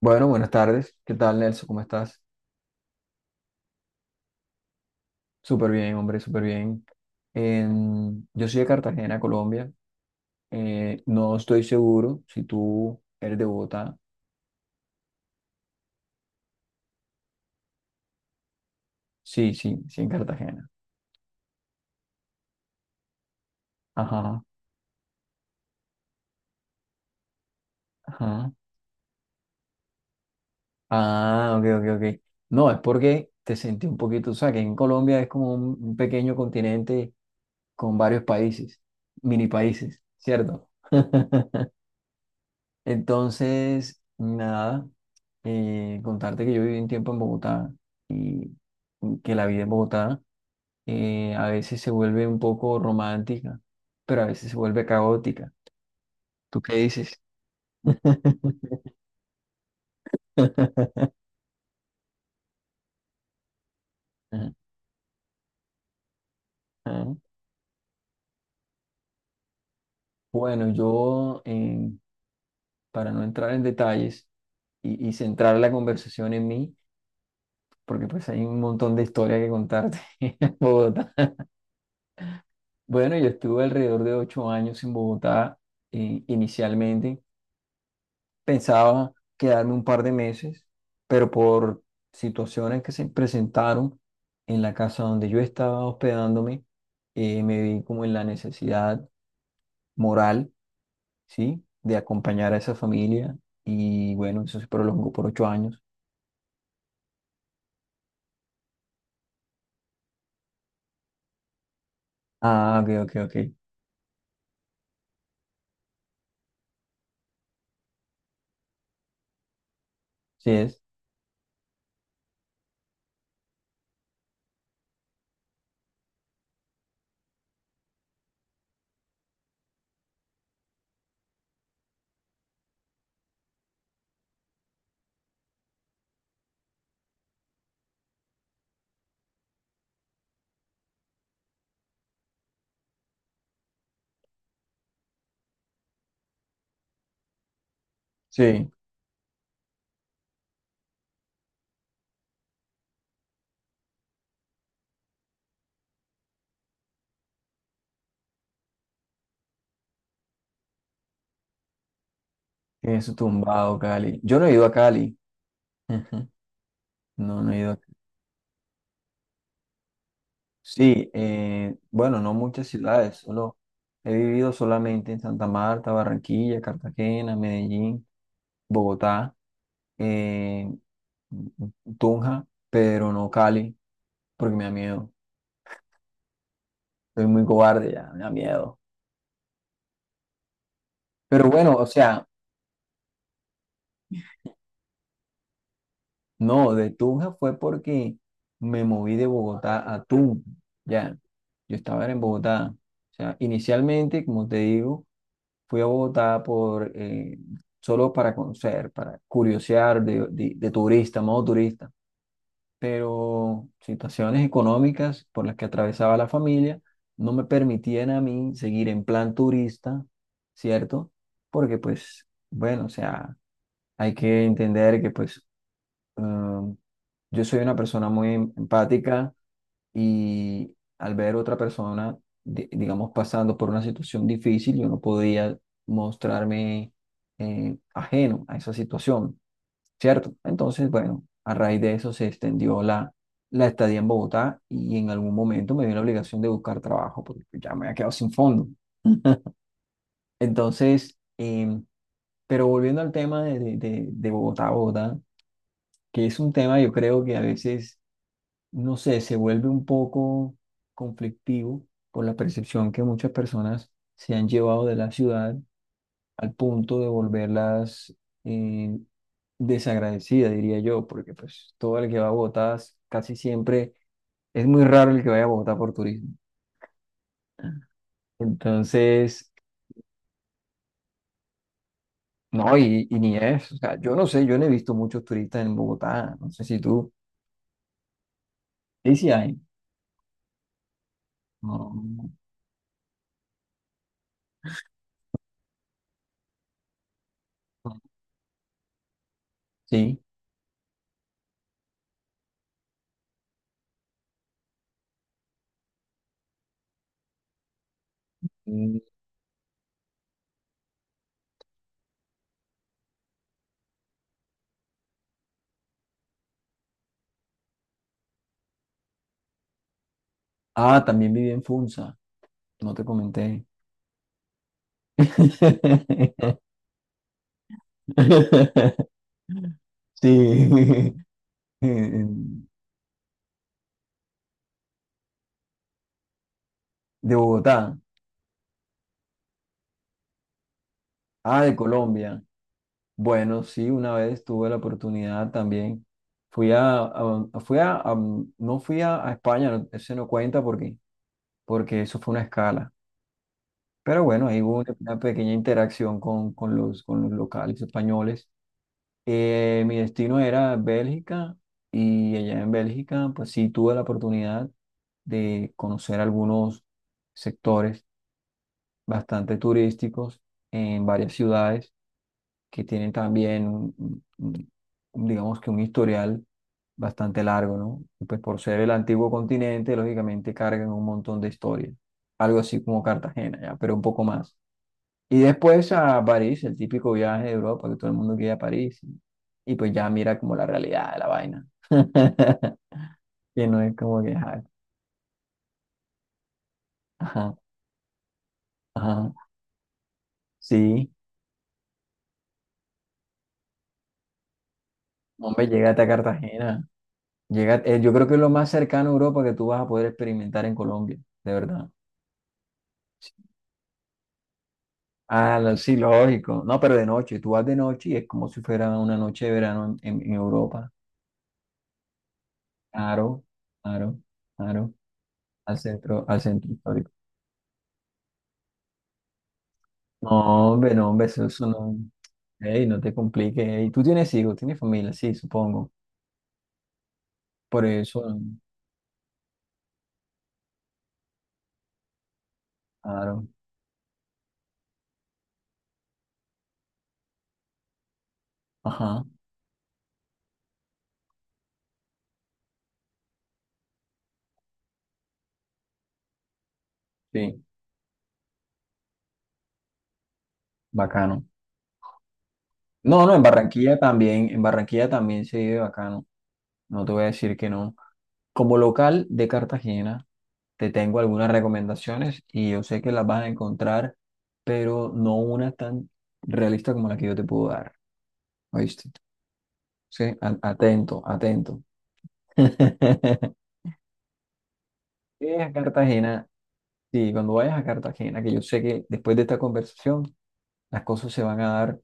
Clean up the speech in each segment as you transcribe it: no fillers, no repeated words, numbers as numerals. Bueno, buenas tardes. ¿Qué tal, Nelson? ¿Cómo estás? Súper bien, hombre, súper bien. Yo soy de Cartagena, Colombia. No estoy seguro si tú eres de Bogotá. Sí, sí, sí, en Cartagena. Ajá, ajá. Ah, ok, ok, ok. No, es porque te sentí un poquito, o sea, que en Colombia es como un, pequeño continente con varios países, mini países, ¿cierto? Entonces, nada. Contarte que yo viví un tiempo en Bogotá y que la vida en Bogotá a veces se vuelve un poco romántica, pero a veces se vuelve caótica. ¿Tú qué dices? Ajá. Bueno, yo, para no entrar en detalles y centrar la conversación en mí, porque pues hay un montón de historia que contarte en Bogotá. Bueno, yo estuve alrededor de 8 años en Bogotá inicialmente. Pensaba quedarme un par de meses, pero por situaciones que se presentaron en la casa donde yo estaba hospedándome, me vi como en la necesidad moral, ¿sí? De acompañar a esa familia y bueno, eso se prolongó por 8 años. Ah, ok, ok, ok. Sí es. Sí, tiene su tumbado, Cali. Yo no he ido a Cali. No, no he ido. Sí, bueno, no muchas ciudades, solo he vivido solamente en Santa Marta, Barranquilla, Cartagena, Medellín, Bogotá, eh, Tunja, pero no Cali, porque me da miedo. Soy muy cobarde ya, me da miedo. Pero bueno, o sea, no, de Tunja fue porque me moví de Bogotá a Tunja. Ya, yo estaba era en Bogotá. O sea, inicialmente, como te digo, fui a Bogotá por, solo para conocer, para curiosear de turista, modo turista. Pero situaciones económicas por las que atravesaba la familia no me permitían a mí seguir en plan turista, ¿cierto? Porque pues, bueno, o sea, hay que entender que pues, Um, yo soy una persona muy empática y al ver otra persona, digamos, pasando por una situación difícil, yo no podía mostrarme ajeno a esa situación, ¿cierto? Entonces, bueno, a raíz de eso se extendió la estadía en Bogotá y en algún momento me dio la obligación de buscar trabajo porque pues, ya me había quedado sin fondo. Entonces, pero volviendo al tema de Bogotá, Bogotá, que es un tema yo creo que a veces no sé, se vuelve un poco conflictivo por la percepción que muchas personas se han llevado de la ciudad al punto de volverlas eh, desagradecidas, diría yo, porque pues todo el que va a Bogotá casi siempre es muy raro el que vaya a Bogotá por turismo. Entonces, no, y ni es, o sea, yo no sé, yo no he visto muchos turistas en Bogotá, no sé si tú, sí, sí hay, no, no, no. Sí. Mm. Ah, también viví en Funza, no te comenté. Sí, de Bogotá. Ah, de Colombia. Bueno, sí, una vez tuve la oportunidad también. Fui a- fui a- no fui a España, ese no cuenta porque eso fue una escala. Pero bueno, ahí hubo una pequeña interacción con los locales españoles. Mi destino era Bélgica y allá en Bélgica, pues sí tuve la oportunidad de conocer algunos sectores bastante turísticos en varias ciudades que tienen también, un- digamos que un historial bastante largo, ¿no? Y pues por ser el antiguo continente, lógicamente cargan un montón de historia, algo así como Cartagena, ya, pero un poco más. Y después a París, el típico viaje de Europa, que todo el mundo quiere a París. Y pues ya mira como la realidad de la vaina. Que no es como que, ajá, ajá, ajá. Sí, hombre, llégate a Cartagena. Llega, yo creo que es lo más cercano a Europa que tú vas a poder experimentar en Colombia, de verdad. Sí. Ah, sí, lógico. No, pero de noche, tú vas de noche y es como si fuera una noche de verano en Europa. Claro, claro, claro. Al centro histórico. No, hombre, no, hombre, eso no. Ey, no te compliques. Ey. Tú tienes hijos, tienes familia, sí, supongo. Por eso, claro. Ajá, sí, bacano. No, no, en Barranquilla también se vive bacano. No te voy a decir que no. Como local de Cartagena, te tengo algunas recomendaciones y yo sé que las vas a encontrar, pero no una tan realista como la que yo te puedo dar. ¿Oíste? Sí, atento, atento. Vienes a Cartagena, sí, cuando vayas a Cartagena, que yo sé que después de esta conversación, las cosas se van a dar.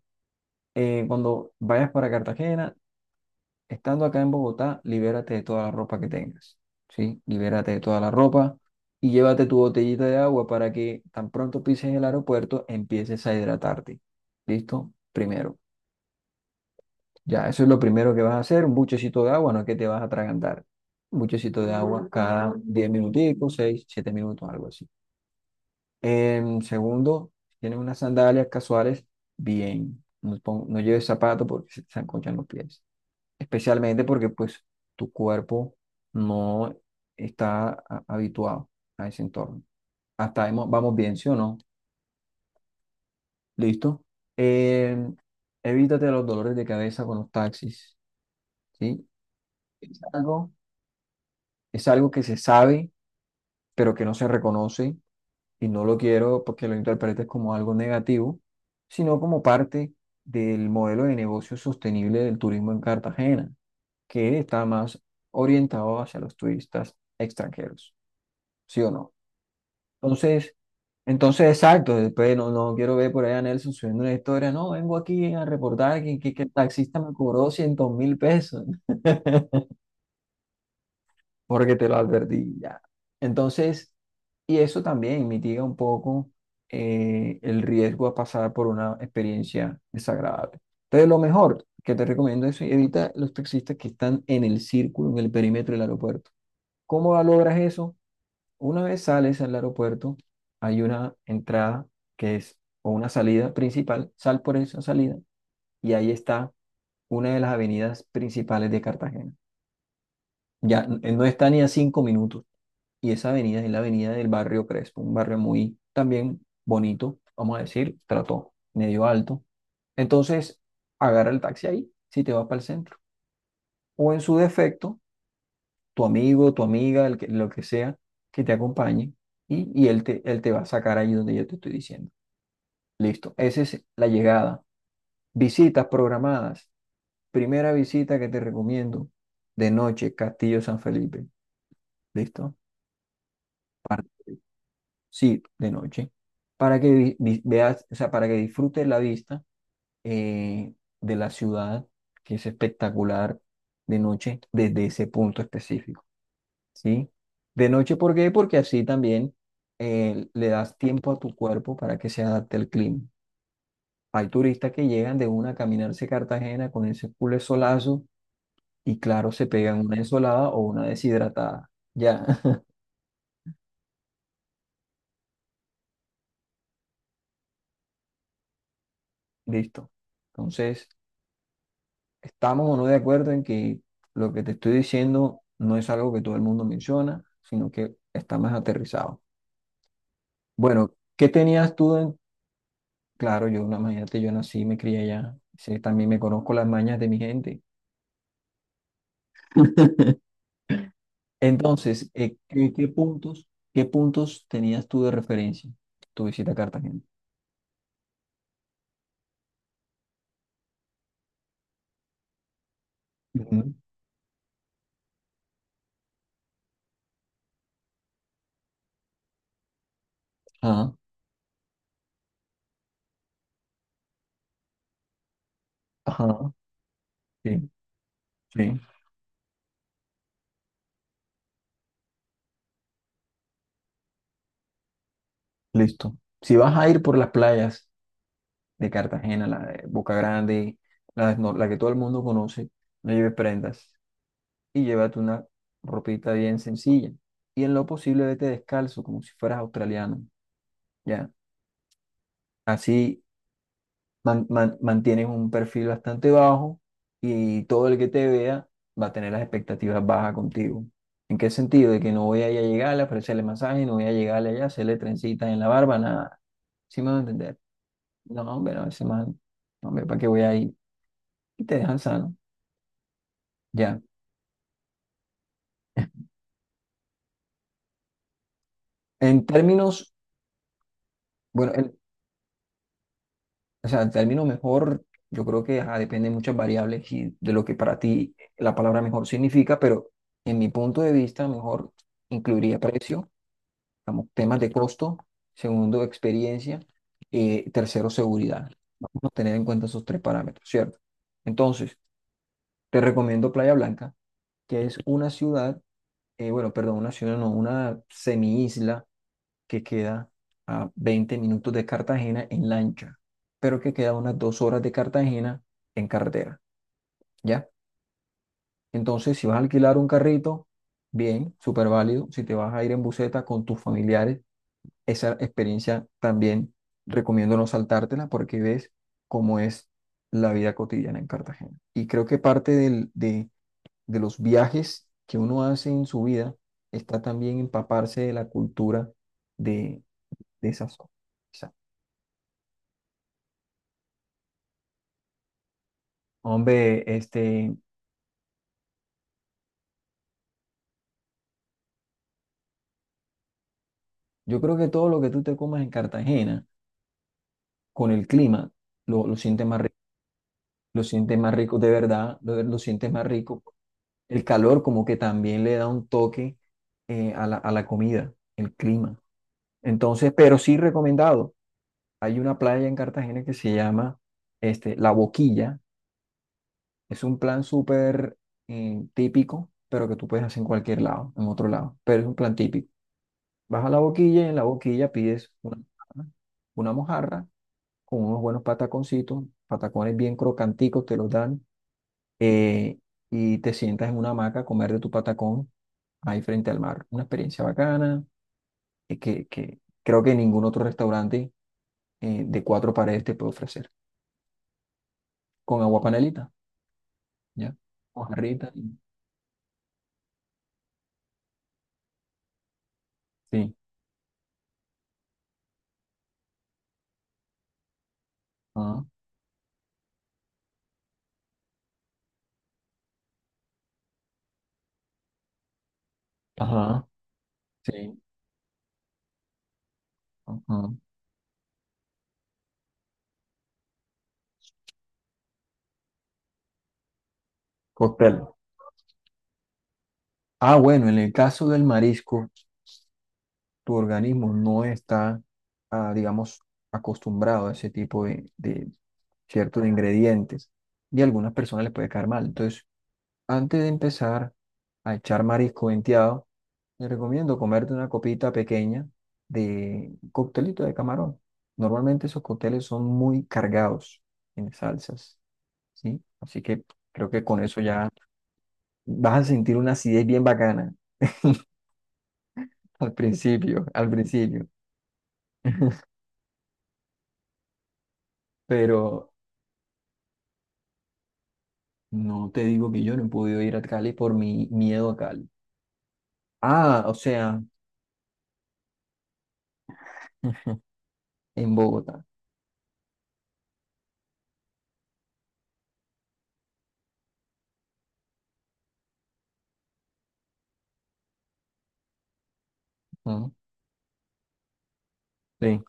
Cuando vayas para Cartagena, estando acá en Bogotá, libérate de toda la ropa que tengas, ¿sí? Libérate de toda la ropa y llévate tu botellita de agua para que tan pronto pises el aeropuerto, empieces a hidratarte. ¿Listo? Primero. Ya, eso es lo primero que vas a hacer, un buchecito de agua, no es que te vas a atragantar. Un buchecito de agua cada 10 minuticos, 6 7 minutos, algo así. Segundo, si tienes unas sandalias casuales, bien. No, no lleves zapatos porque se te enconchan los pies. Especialmente porque pues tu cuerpo no está habituado a ese entorno. Hasta ahí vamos bien, ¿sí o no? ¿Listo? Em, evítate los dolores de cabeza con los taxis, ¿sí? Es algo, es algo, que se sabe, pero que no se reconoce y no lo quiero porque lo interpretes como algo negativo, sino como parte del modelo de negocio sostenible del turismo en Cartagena, que está más orientado hacia los turistas extranjeros, ¿sí o no? Entonces, entonces, exacto, después no, no quiero ver por ahí a Nelson subiendo una historia, no, vengo aquí a reportar que, que el taxista me cobró cientos mil pesos. Porque te lo advertí ya. Entonces, y eso también mitiga un poco el riesgo a pasar por una experiencia desagradable. Entonces, lo mejor que te recomiendo es evita los taxistas que están en el círculo, en el perímetro del aeropuerto. ¿Cómo logras eso? Una vez sales al aeropuerto, hay una entrada que es, o una salida principal, sal por esa salida y ahí está una de las avenidas principales de Cartagena. Ya no está ni a 5 minutos. Y esa avenida es la avenida del barrio Crespo, un barrio muy también bonito, vamos a decir, trato medio alto. Entonces, agarra el taxi ahí, si te vas para el centro. O en su defecto, tu amigo, tu amiga, el que, lo que sea, que te acompañe y él te va a sacar ahí donde yo te estoy diciendo. Listo, esa es la llegada. Visitas programadas. Primera visita que te recomiendo de noche, Castillo San Felipe. ¿Listo? Parte sí, de noche, para que veas, o sea, para que disfrutes la vista eh, de la ciudad, que es espectacular de noche desde ese punto específico, ¿sí? De noche, ¿por qué? Porque así también le das tiempo a tu cuerpo para que se adapte al clima. Hay turistas que llegan de una a caminarse Cartagena con ese culo solazo y claro, se pegan una ensolada o una deshidratada. Ya, listo. Entonces, estamos o no de acuerdo en que lo que te estoy diciendo no es algo que todo el mundo menciona, sino que está más aterrizado. Bueno, ¿qué tenías tú en? Claro, yo, una imagínate, yo nací, me crié allá, sí, también me conozco las mañas de mi gente. Entonces, ¿qué puntos tenías tú de referencia tu visita a Cartagena? Ujú. Ajá, ajá, sí, sí, listo. Si vas a ir por las playas, de Cartagena, la de Boca Grande, la, no- la que todo el mundo conoce, no lleves prendas y llévate una ropita bien sencilla. Y en lo posible vete descalzo, como si fueras australiano, ¿ya? Así mantienes un perfil bastante bajo y todo el que te vea va a tener las expectativas bajas contigo. ¿En qué sentido? De que no voy a ir a llegarle a ofrecerle masaje, no voy a llegarle allá a hacerle trencitas en la barba, nada. ¿Sí me van a entender? No, hombre, no, ese man, no, hombre, ¿para qué voy a ir? Y te dejan sano. Ya. En términos, bueno, o sea, el término mejor, yo creo que ajá, depende de muchas variables y de lo que para ti la palabra mejor significa, pero en mi punto de vista, mejor incluiría precio, digamos, temas de costo, segundo, experiencia, tercero, seguridad. Vamos a tener en cuenta esos tres parámetros, ¿cierto? Entonces, te recomiendo Playa Blanca, que es una ciudad, bueno, perdón, una ciudad, no, una semi que queda a 20 minutos de Cartagena en lancha, pero que queda a unas 2 horas de Cartagena en carretera, ¿ya? Entonces, si vas a alquilar un carrito, bien, súper válido. Si te vas a ir en buseta con tus familiares, esa experiencia también recomiendo no saltártela porque ves cómo es la vida cotidiana en Cartagena. Y creo que parte de los viajes que uno hace en su vida está también empaparse de la cultura de, de esas zonas. Hombre, este, yo creo que todo lo que tú te comas en Cartagena, con el clima, lo sientes más rico, lo sientes más rico, de verdad, lo sientes más rico. El calor como que también le da un toque a la comida, el clima. Entonces, pero sí recomendado. Hay una playa en Cartagena que se llama este, La Boquilla. Es un plan súper típico, pero que tú puedes hacer en cualquier lado, en otro lado, pero es un plan típico. Vas a la boquilla y en la boquilla pides una mojarra con unos buenos pataconcitos, patacones bien crocanticos te los dan eh, y te sientas en una hamaca a comer de tu patacón ahí frente al mar. Una experiencia bacana que creo que ningún otro restaurante de cuatro paredes te puede ofrecer. Con agua panelita, ¿ya? Mojarrita, sí. Ajá, ajá, sí. Ajá. Cóctel. Ah, bueno, en el caso del marisco, tu organismo no está digamos, acostumbrado a ese tipo de ciertos ingredientes y a algunas personas les puede caer mal. Entonces, antes de empezar a echar marisco venteado, te recomiendo comerte una copita pequeña de coctelito de camarón. Normalmente esos cócteles son muy cargados en salsas, ¿sí? Así que creo que con eso ya vas a sentir una acidez bien bacana al principio, pero no te digo que yo no he podido ir a Cali por mi miedo a Cali. Ah, o sea, en Bogotá. ¿No? Sí,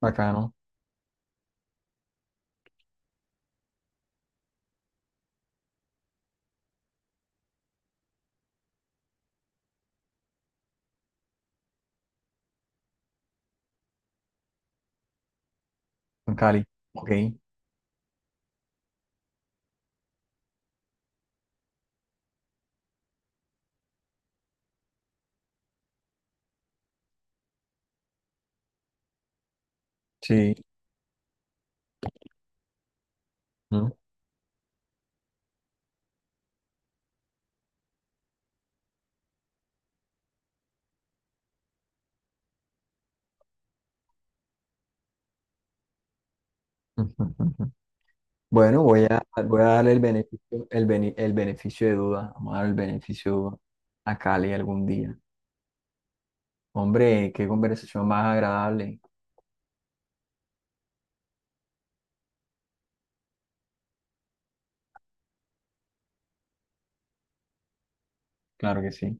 bacano. En Cali. Ok, sí. ¿No? Bueno, voy a darle el beneficio, el beneficio de duda. Vamos a dar el beneficio de duda a Cali algún día. Hombre, qué conversación más agradable. Claro que sí.